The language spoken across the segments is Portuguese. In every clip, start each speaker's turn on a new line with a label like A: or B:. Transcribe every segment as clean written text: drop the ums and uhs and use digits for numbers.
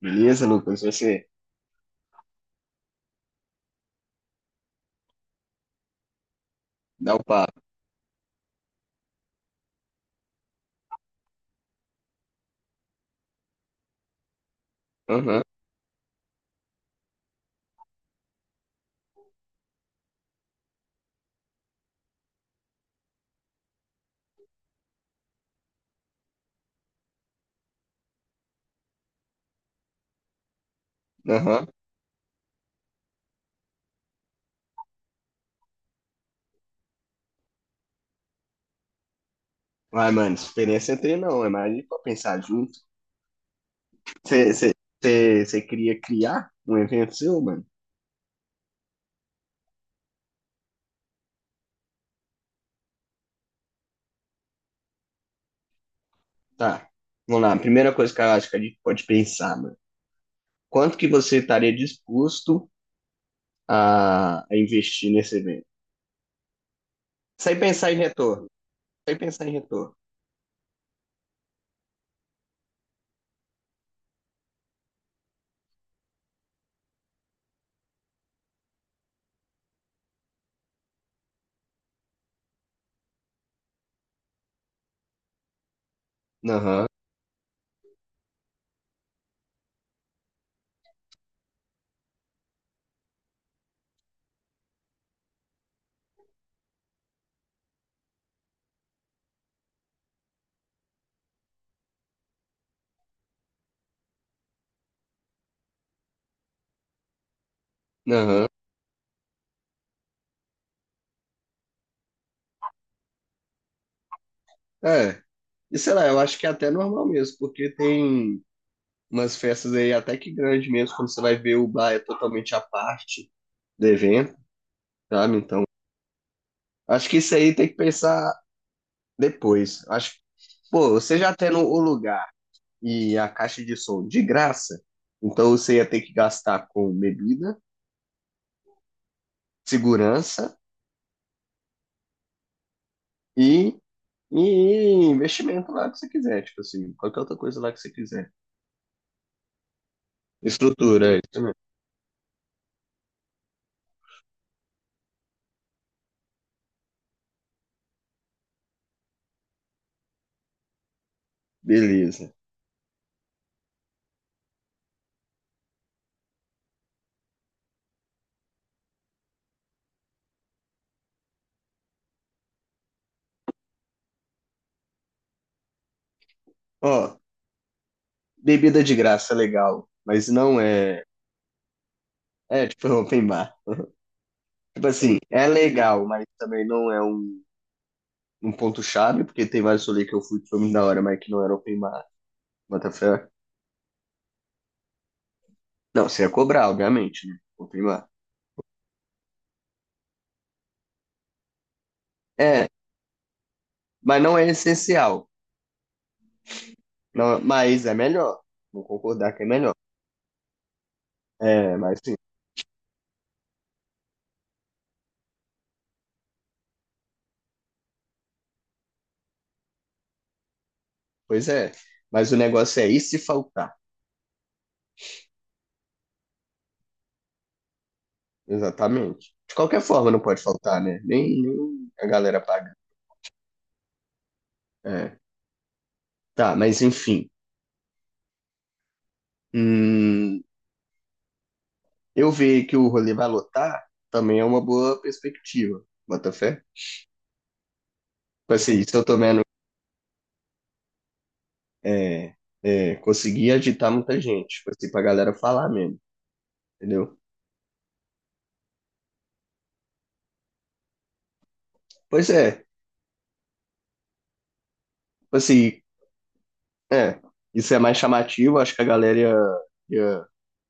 A: Beleza, Lucas? Você dá o papo. Aham, aham. Vai, mano, experiência é ter, não. É mais ali pra pensar junto. Você queria criar um evento seu, mano? Tá. Vamos lá. A primeira coisa que eu acho que a gente pode pensar, mano. Quanto que você estaria disposto a investir nesse evento? Sem pensar em retorno. Sem pensar em retorno. Aham, aham. É. E sei lá, eu acho que é até normal mesmo, porque tem umas festas aí até que grande mesmo, quando você vai ver o bar é totalmente à parte. Devendo, sabe? Então, acho que isso aí tem que pensar depois. Acho que, pô, você já tendo o lugar e a caixa de som de graça, então você ia ter que gastar com bebida, segurança e, e investimento lá que você quiser, tipo assim, qualquer outra coisa lá que você quiser. Estrutura, é isso mesmo. Beleza. Ó, bebida de graça é legal, mas não é. É, tipo, open bar. Tipo assim, é legal, mas também não é um num ponto-chave, porque tem vários rolês que eu fui que foi muito da hora, mas que não era open bar. Bota fé. Não, você ia cobrar, obviamente, né? Open bar. É, mas não é essencial. Não, mas é melhor. Vou concordar que é melhor. É, mas sim, pois é. Mas o negócio é, e se faltar? Exatamente. De qualquer forma, não pode faltar, né? Nem a galera paga. É. Tá, mas enfim. Hum, eu ver que o rolê vai lotar também é uma boa perspectiva. Bota fé? Tipo assim, se eu tô vendo é, conseguir agitar muita gente, tipo assim, pra galera falar mesmo, entendeu? Pois é, tipo assim, é, isso é mais chamativo, acho que a galera ia,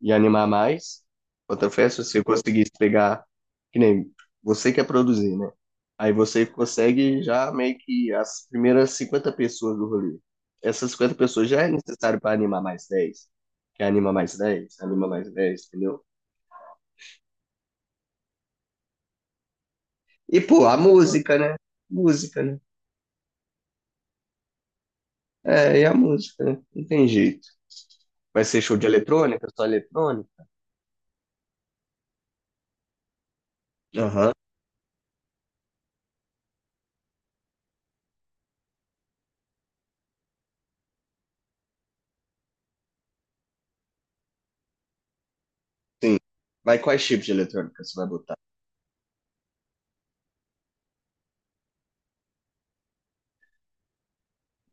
A: ia animar mais. Outra festa, se eu conseguisse pegar, que nem você quer produzir, né? Aí você consegue já meio que as primeiras 50 pessoas do rolê. Essas 50 pessoas já é necessário para animar mais 10, que anima mais 10, entendeu? E, pô, a música, né? Música, né? É, e a música, né? Não tem jeito. Vai ser show de eletrônica, só eletrônica? Aham, sim. Mas quais tipos de eletrônica você vai botar?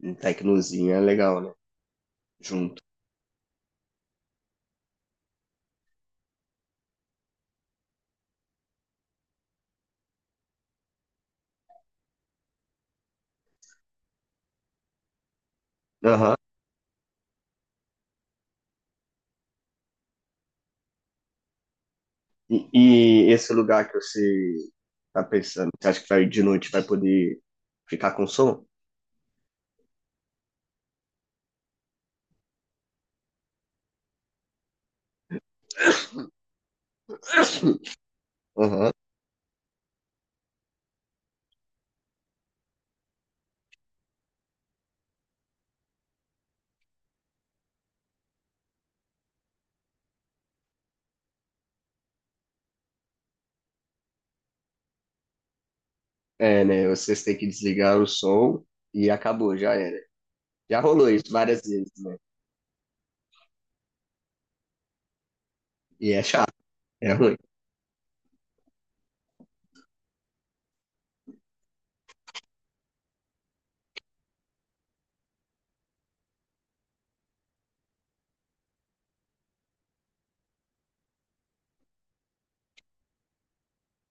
A: Um tecnozinho é legal, né? Junto. Aham. E, esse lugar que você tá pensando, você acha que vai de noite vai poder ficar com som? Aham. É, né? Vocês têm que desligar o som e acabou, já era. Já rolou isso várias vezes, né? E é chato, é ruim.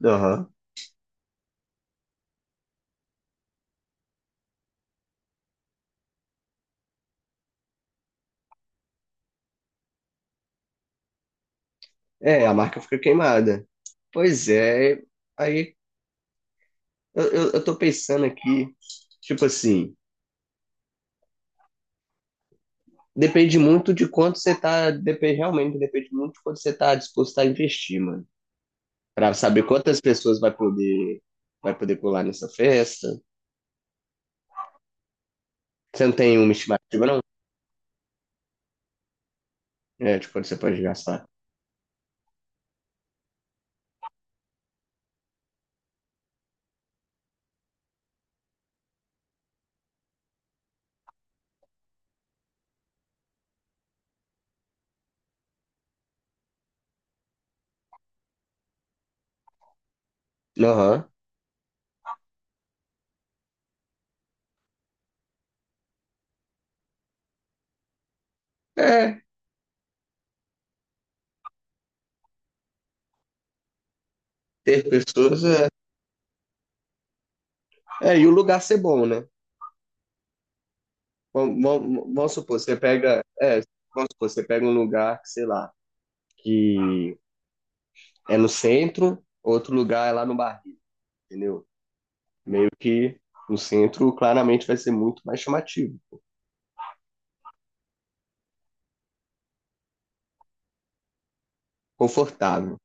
A: Aham. É, a marca fica queimada. Pois é, aí eu tô pensando aqui, tipo assim, depende muito de quanto você tá, depende, realmente depende muito de quanto você tá disposto a investir, mano. Pra saber quantas pessoas vai poder pular nessa festa. Você não tem uma estimativa, não? É, tipo, quanto você pode gastar. Aham. É, ter pessoas é. É, e o lugar ser bom, né? Vamos supor, você pega. É, vamos supor, você pega um lugar, sei lá, que é no centro, outro lugar é lá no barril, entendeu? Meio que o centro claramente vai ser muito mais chamativo, confortável,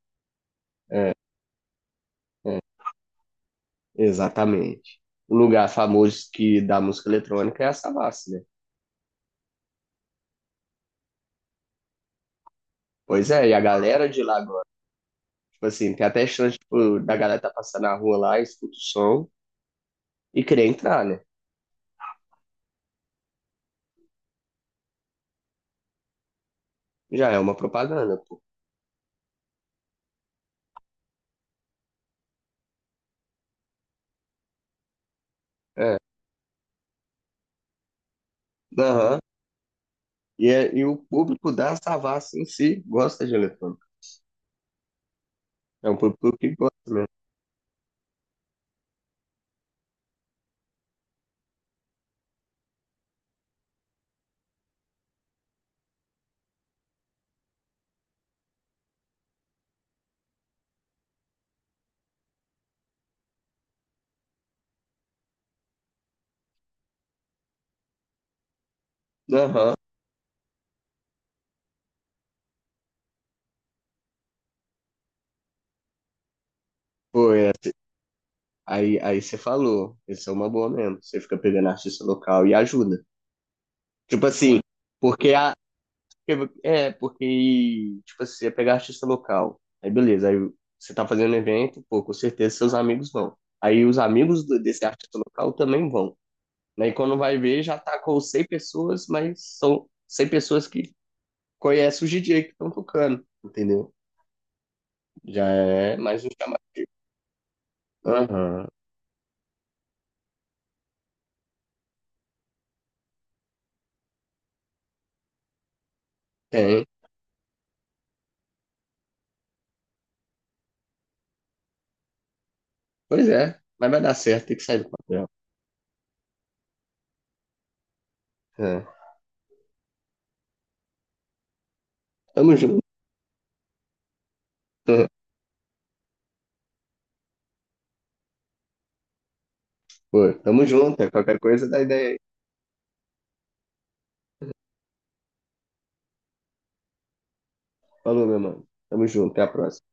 A: né? Exatamente. O lugar famoso que da música eletrônica é a Savassi, né? Pois é, e a galera de lá agora, tipo assim, tem até chance, tipo, da galera tá passando na rua lá, escuta o som e querer entrar, né? Já é uma propaganda, pô. É. Aham. E, é- e o público da Savassi em si gosta de eletrônica. É um público que gosta mesmo. Aham. Pô, é aí, você falou, isso é uma boa mesmo. Você fica pegando artista local e ajuda. Tipo assim, porque a. É, porque, tipo assim, você pegar artista local. Aí beleza, aí você tá fazendo evento, pô, com certeza seus amigos vão. Aí os amigos do- desse artista local também vão. Aí quando vai ver, já tá com 100 pessoas, mas são 100 pessoas que conhecem os DJ que estão tocando, entendeu? Já é mais um chamado. Aham, tem. Pois é, mas vai dar certo, tem que sair do papel. É. Tamo junto. Pô, tamo junto, é. Qualquer coisa dá ideia aí. Falou, meu mano. Tamo junto, até a próxima.